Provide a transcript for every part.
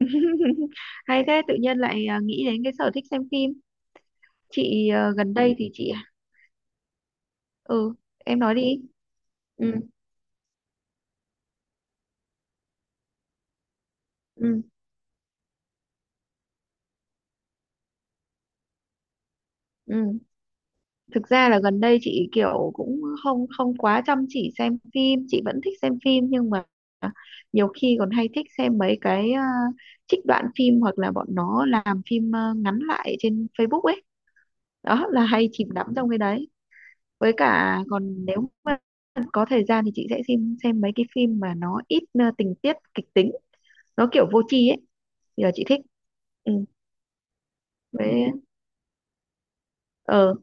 Hay thế, tự nhiên lại à, nghĩ đến cái sở thích xem phim. Chị à, gần đây thì chị à, ừ, em nói đi. Ừ. Ừ. Ừ. Thực ra là gần đây chị kiểu cũng không không quá chăm chỉ xem phim, chị vẫn thích xem phim nhưng mà nhiều khi còn hay thích xem mấy cái à, trích đoạn phim hoặc là bọn nó làm phim à, ngắn lại trên Facebook ấy, đó là hay chìm đắm trong cái đấy. Với cả còn nếu mà có thời gian thì chị sẽ xem mấy cái phim mà nó ít tình tiết kịch tính, nó kiểu vô tri ấy thì là chị thích. Ừ. Với, ờ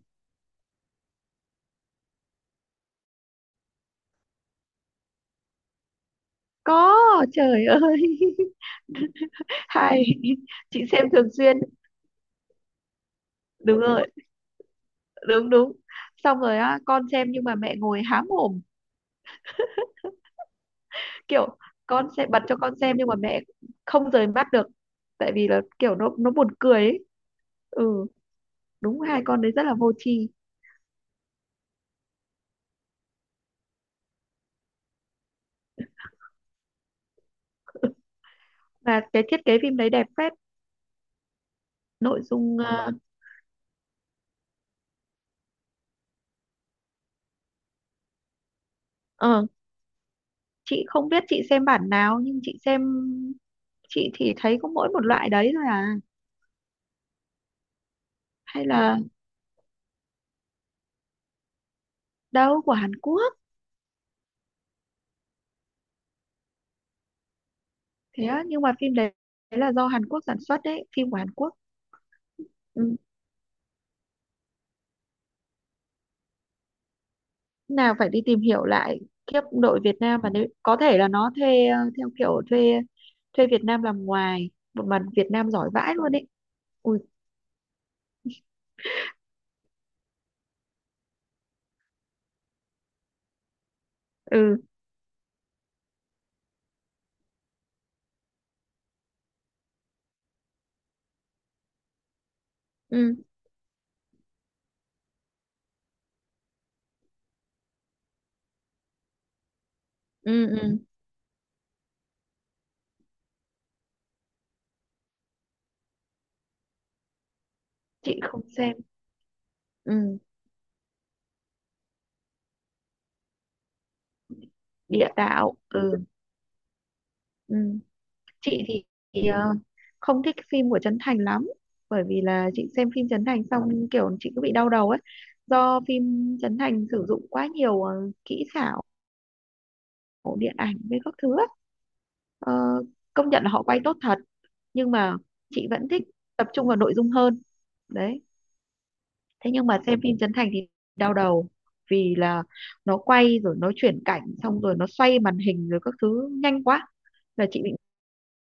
có. Trời ơi! Hay. Chị xem thường xuyên. Đúng rồi, đúng đúng. Xong rồi á, con xem nhưng mà mẹ ngồi há mồm, kiểu con sẽ bật cho con xem nhưng mà mẹ không rời mắt được, tại vì là kiểu nó buồn cười ấy. Ừ, đúng, hai con đấy rất là vô tri mà cái thiết kế phim đấy đẹp phết, nội dung vâng. ờ, chị không biết chị xem bản nào nhưng chị xem, chị thì thấy có mỗi một loại đấy thôi à, hay là đâu, của Hàn Quốc. Thế á, nhưng mà phim đấy, đấy là do Hàn Quốc sản xuất đấy, phim của Hàn Quốc. Ừ. Nào, phải đi tìm hiểu lại, kiếp đội Việt Nam, và nếu có thể là nó thuê theo kiểu thuê thuê Việt Nam làm ngoài, một mặt Việt Nam giỏi vãi luôn đấy. Ui. Ừ. Ừ. Ừ. Ừ. Chị không xem. Ừ, địa đạo. Ừ. Ừ. Chị thì, ờ, không thích phim của Trấn Thành lắm, bởi vì là chị xem phim Trấn Thành xong kiểu chị cứ bị đau đầu ấy, do phim Trấn Thành sử dụng quá nhiều kỹ xảo điện ảnh với các thứ ấy. Ờ, công nhận là họ quay tốt thật nhưng mà chị vẫn thích tập trung vào nội dung hơn đấy. Thế nhưng mà xem phim Trấn Thành thì đau đầu, vì là nó quay rồi nó chuyển cảnh xong rồi nó xoay màn hình rồi các thứ nhanh quá là chị bị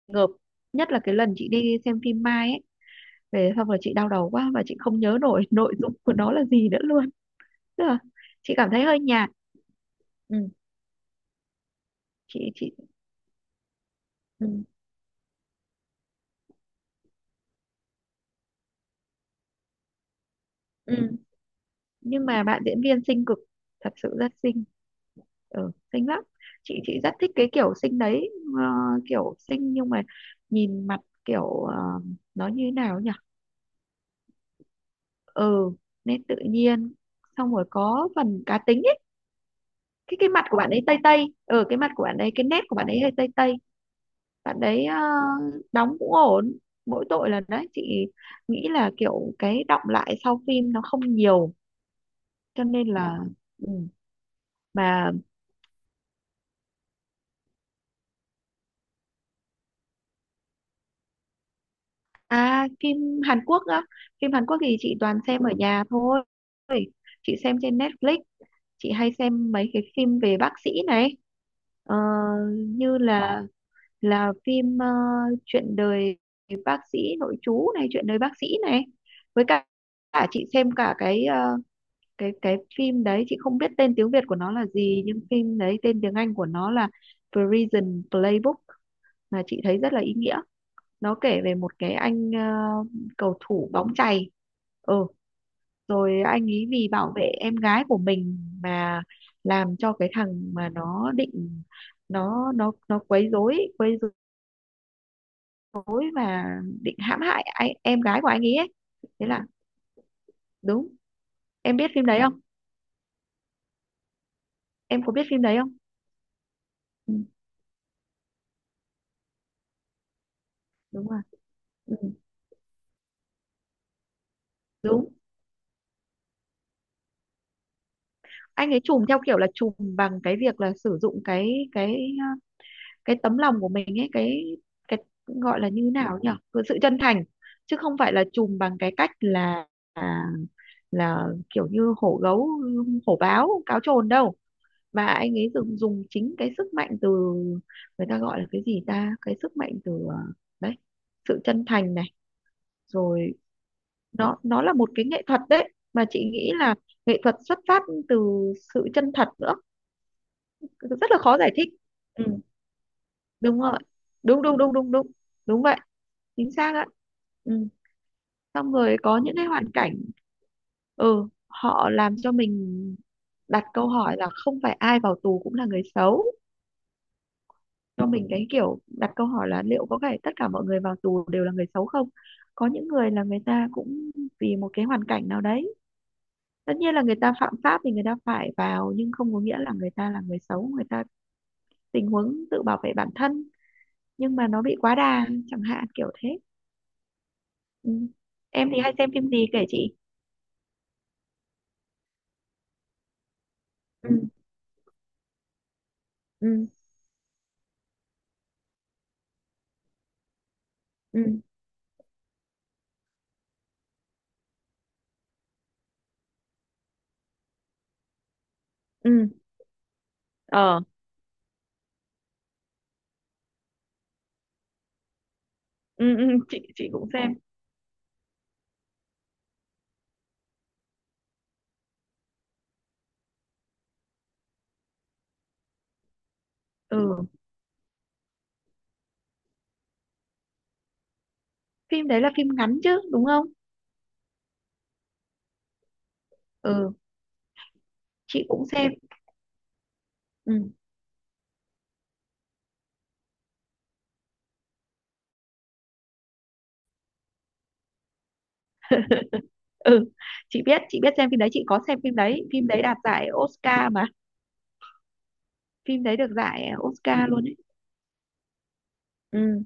ngợp. Nhất là cái lần chị đi xem phim Mai ấy, về xong rồi chị đau đầu quá và chị không nhớ nổi nội dung của nó là gì nữa luôn, tức là chị cảm thấy hơi nhạt. Ừ, chị. Ừ. Ừ. Nhưng mà bạn diễn viên xinh cực, thật sự rất xinh. Ừ, xinh lắm, chị rất thích cái kiểu xinh đấy. ờ, Kiểu xinh nhưng mà nhìn mặt kiểu nó như thế nào nhỉ. Ừ, nên tự nhiên xong rồi có phần cá tính ấy. Cái mặt của bạn ấy tây tây. Ừ, cái mặt của bạn ấy, cái nét của bạn ấy hơi tây tây. Bạn đấy đóng cũng ổn, mỗi tội là đấy chị nghĩ là kiểu cái đọng lại sau phim nó không nhiều, cho nên là. Ừ. Mà à, phim Hàn Quốc á, phim Hàn Quốc thì chị toàn xem ở nhà thôi, chị xem trên Netflix. Chị hay xem mấy cái phim về bác sĩ này. Ờ, như là phim chuyện đời bác sĩ nội trú này, chuyện đời bác sĩ này. Với cả chị xem cả cái cái phim đấy, chị không biết tên tiếng Việt của nó là gì nhưng phim đấy tên tiếng Anh của nó là Prison Playbook, mà chị thấy rất là ý nghĩa. Nó kể về một cái anh cầu thủ bóng chày. Ừ, rồi anh ấy vì bảo vệ em gái của mình mà làm cho cái thằng mà nó định nó quấy rối, và định hãm hại anh, em gái của anh ấy ấy, thế là đúng. Em biết phim đấy không? Em có biết phim đấy không? Ừ, đúng rồi. Ừ, đúng. Anh ấy trùm theo kiểu là trùm bằng cái việc là sử dụng cái tấm lòng của mình ấy, cái gọi là như thế nào nhỉ, cái sự chân thành, chứ không phải là trùm bằng cái cách là là, là kiểu như hổ gấu, hổ báo cáo trồn đâu, mà anh ấy dùng dùng chính cái sức mạnh từ, người ta gọi là cái gì ta, cái sức mạnh từ đấy, sự chân thành này rồi, nó là một cái nghệ thuật đấy mà chị nghĩ là nghệ thuật xuất phát từ sự chân thật nữa. Rất là khó giải thích. Ừ, đúng rồi, đúng đúng đúng đúng đúng, đúng vậy, chính xác ạ. Ừ. Xong rồi có những cái hoàn cảnh, ừ, họ làm cho mình đặt câu hỏi là không phải ai vào tù cũng là người xấu, cho mình cái kiểu đặt câu hỏi là liệu có phải tất cả mọi người vào tù đều là người xấu không. Có những người là người ta cũng vì một cái hoàn cảnh nào đấy, tất nhiên là người ta phạm pháp thì người ta phải vào, nhưng không có nghĩa là người ta là người xấu, người ta tình huống tự bảo vệ bản thân nhưng mà nó bị quá đà chẳng hạn, kiểu thế. Ừ. Em thì hay xem phim gì kể chị. Ừ. Ừ. Ừ. Ừ. Ờ. Ừ, ừ. Chị cũng xem. Ừ, phim đấy là phim ngắn chứ đúng không. Ừ, chị cũng xem. Ừ. Ừ, chị biết xem phim đấy, chị có xem phim đấy, phim đấy đạt giải Oscar mà, phim đấy được giải Oscar luôn ấy. Ừ.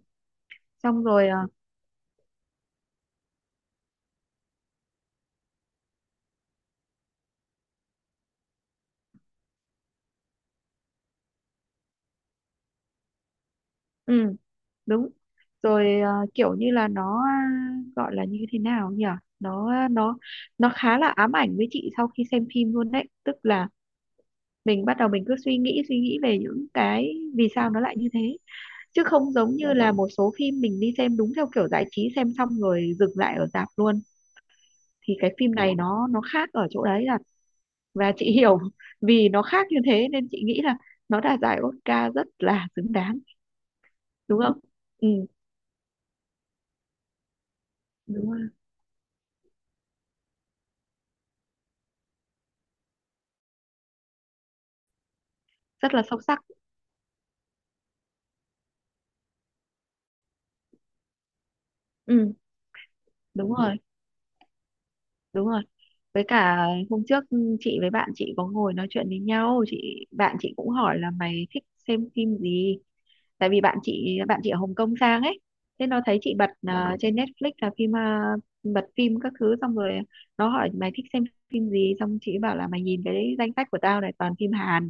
Xong rồi ừ, đúng rồi. Ờ, Kiểu như là nó à, gọi là như thế nào nhỉ, nó nó khá là ám ảnh với chị sau khi xem phim luôn đấy, tức là mình bắt đầu mình cứ suy nghĩ về những cái vì sao nó lại như thế, chứ không giống như là một số phim mình đi xem đúng theo kiểu giải trí, xem xong rồi dừng lại ở rạp luôn. Thì cái phim này nó khác ở chỗ đấy là và chị hiểu vì nó khác như thế nên chị nghĩ là nó đạt giải Oscar rất là xứng đáng, đúng không. Ừ, đúng rồi. Rất là sâu sắc. Ừ, đúng rồi, đúng rồi. Với cả hôm trước chị với bạn chị có ngồi nói chuyện với nhau, chị bạn chị cũng hỏi là mày thích xem phim gì, tại vì bạn chị ở Hồng Kông sang ấy. Thế nó thấy chị bật à, trên Netflix là phim à, bật phim các thứ xong rồi nó hỏi mày thích xem phim gì, xong chị bảo là mày nhìn cái danh sách của tao này toàn phim Hàn.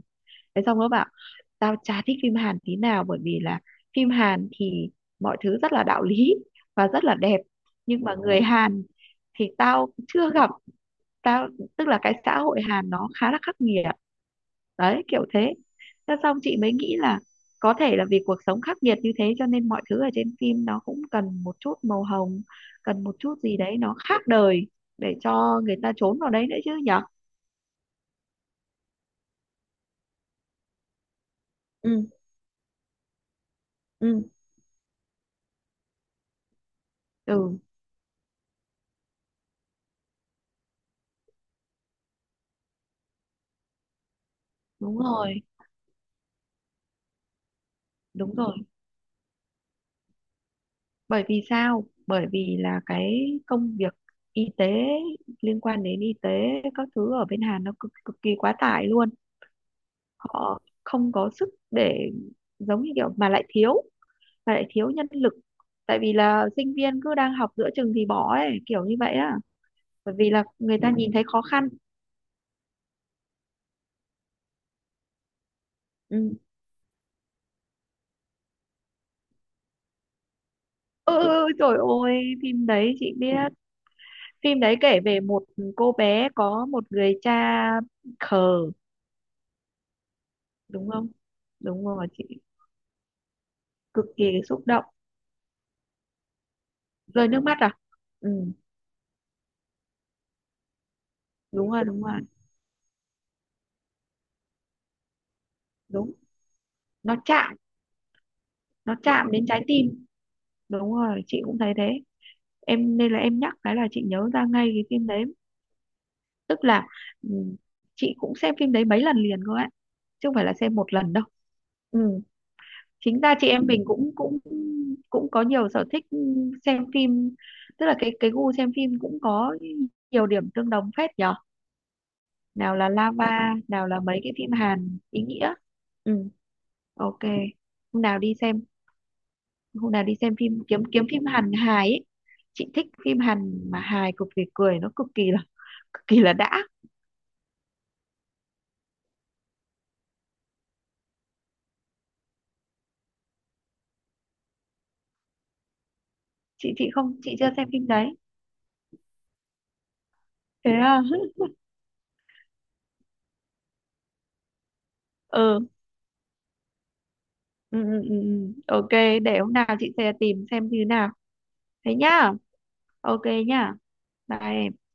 Thế xong nó bảo tao chả thích phim Hàn tí nào bởi vì là phim Hàn thì mọi thứ rất là đạo lý và rất là đẹp, nhưng mà người Hàn thì tao chưa gặp, tao, tức là cái xã hội Hàn nó khá là khắc nghiệt đấy kiểu thế. Thế xong chị mới nghĩ là có thể là vì cuộc sống khắc nghiệt như thế cho nên mọi thứ ở trên phim nó cũng cần một chút màu hồng, cần một chút gì đấy nó khác đời, để cho người ta trốn vào đấy nữa chứ nhở. Ừ. Ừ. Ừ. Đúng rồi, đúng rồi. Bởi vì sao, bởi vì là cái công việc y tế, liên quan đến y tế, các thứ ở bên Hàn nó cực cực kỳ quá tải luôn, họ không có sức để, giống như kiểu mà lại thiếu nhân lực, tại vì là sinh viên cứ đang học giữa chừng thì bỏ ấy, kiểu như vậy á, bởi vì là người ta nhìn thấy khó khăn. Ừ. Ừ, ừ, trời ơi, phim đấy chị biết. Phim đấy kể về một cô bé có một người cha khờ, đúng không? Đúng rồi, chị cực kỳ xúc động, rơi nước mắt à. Ừ, đúng rồi, đúng rồi, đúng, nó chạm nó chạm đến trái tim. Đúng rồi, chị cũng thấy thế, em nên là em nhắc cái là chị nhớ ra ngay cái phim đấy, tức là, ừ, chị cũng xem phim đấy mấy lần liền cơ ấy, chứ không phải là xem một lần đâu. Ừ. Chính ra chị em mình cũng cũng cũng có nhiều sở thích xem phim, tức là cái gu xem phim cũng có nhiều điểm tương đồng phết nhở, nào là Lava, nào là mấy cái phim Hàn ý nghĩa. Ừ, ok. hôm nào đi xem hôm nào đi xem phim, kiếm kiếm phim Hàn hài ấy, chị thích phim Hàn mà hài, cực kỳ cười, nó cực kỳ là đã. Chị không, chị chưa xem phim đấy. Thế à. Ừ. Ừ. Ừ. Ừ, ừ. Ok, để hôm nào chị sẽ tìm xem như nào. Thế nhá. Ok. Nhá. Bye em.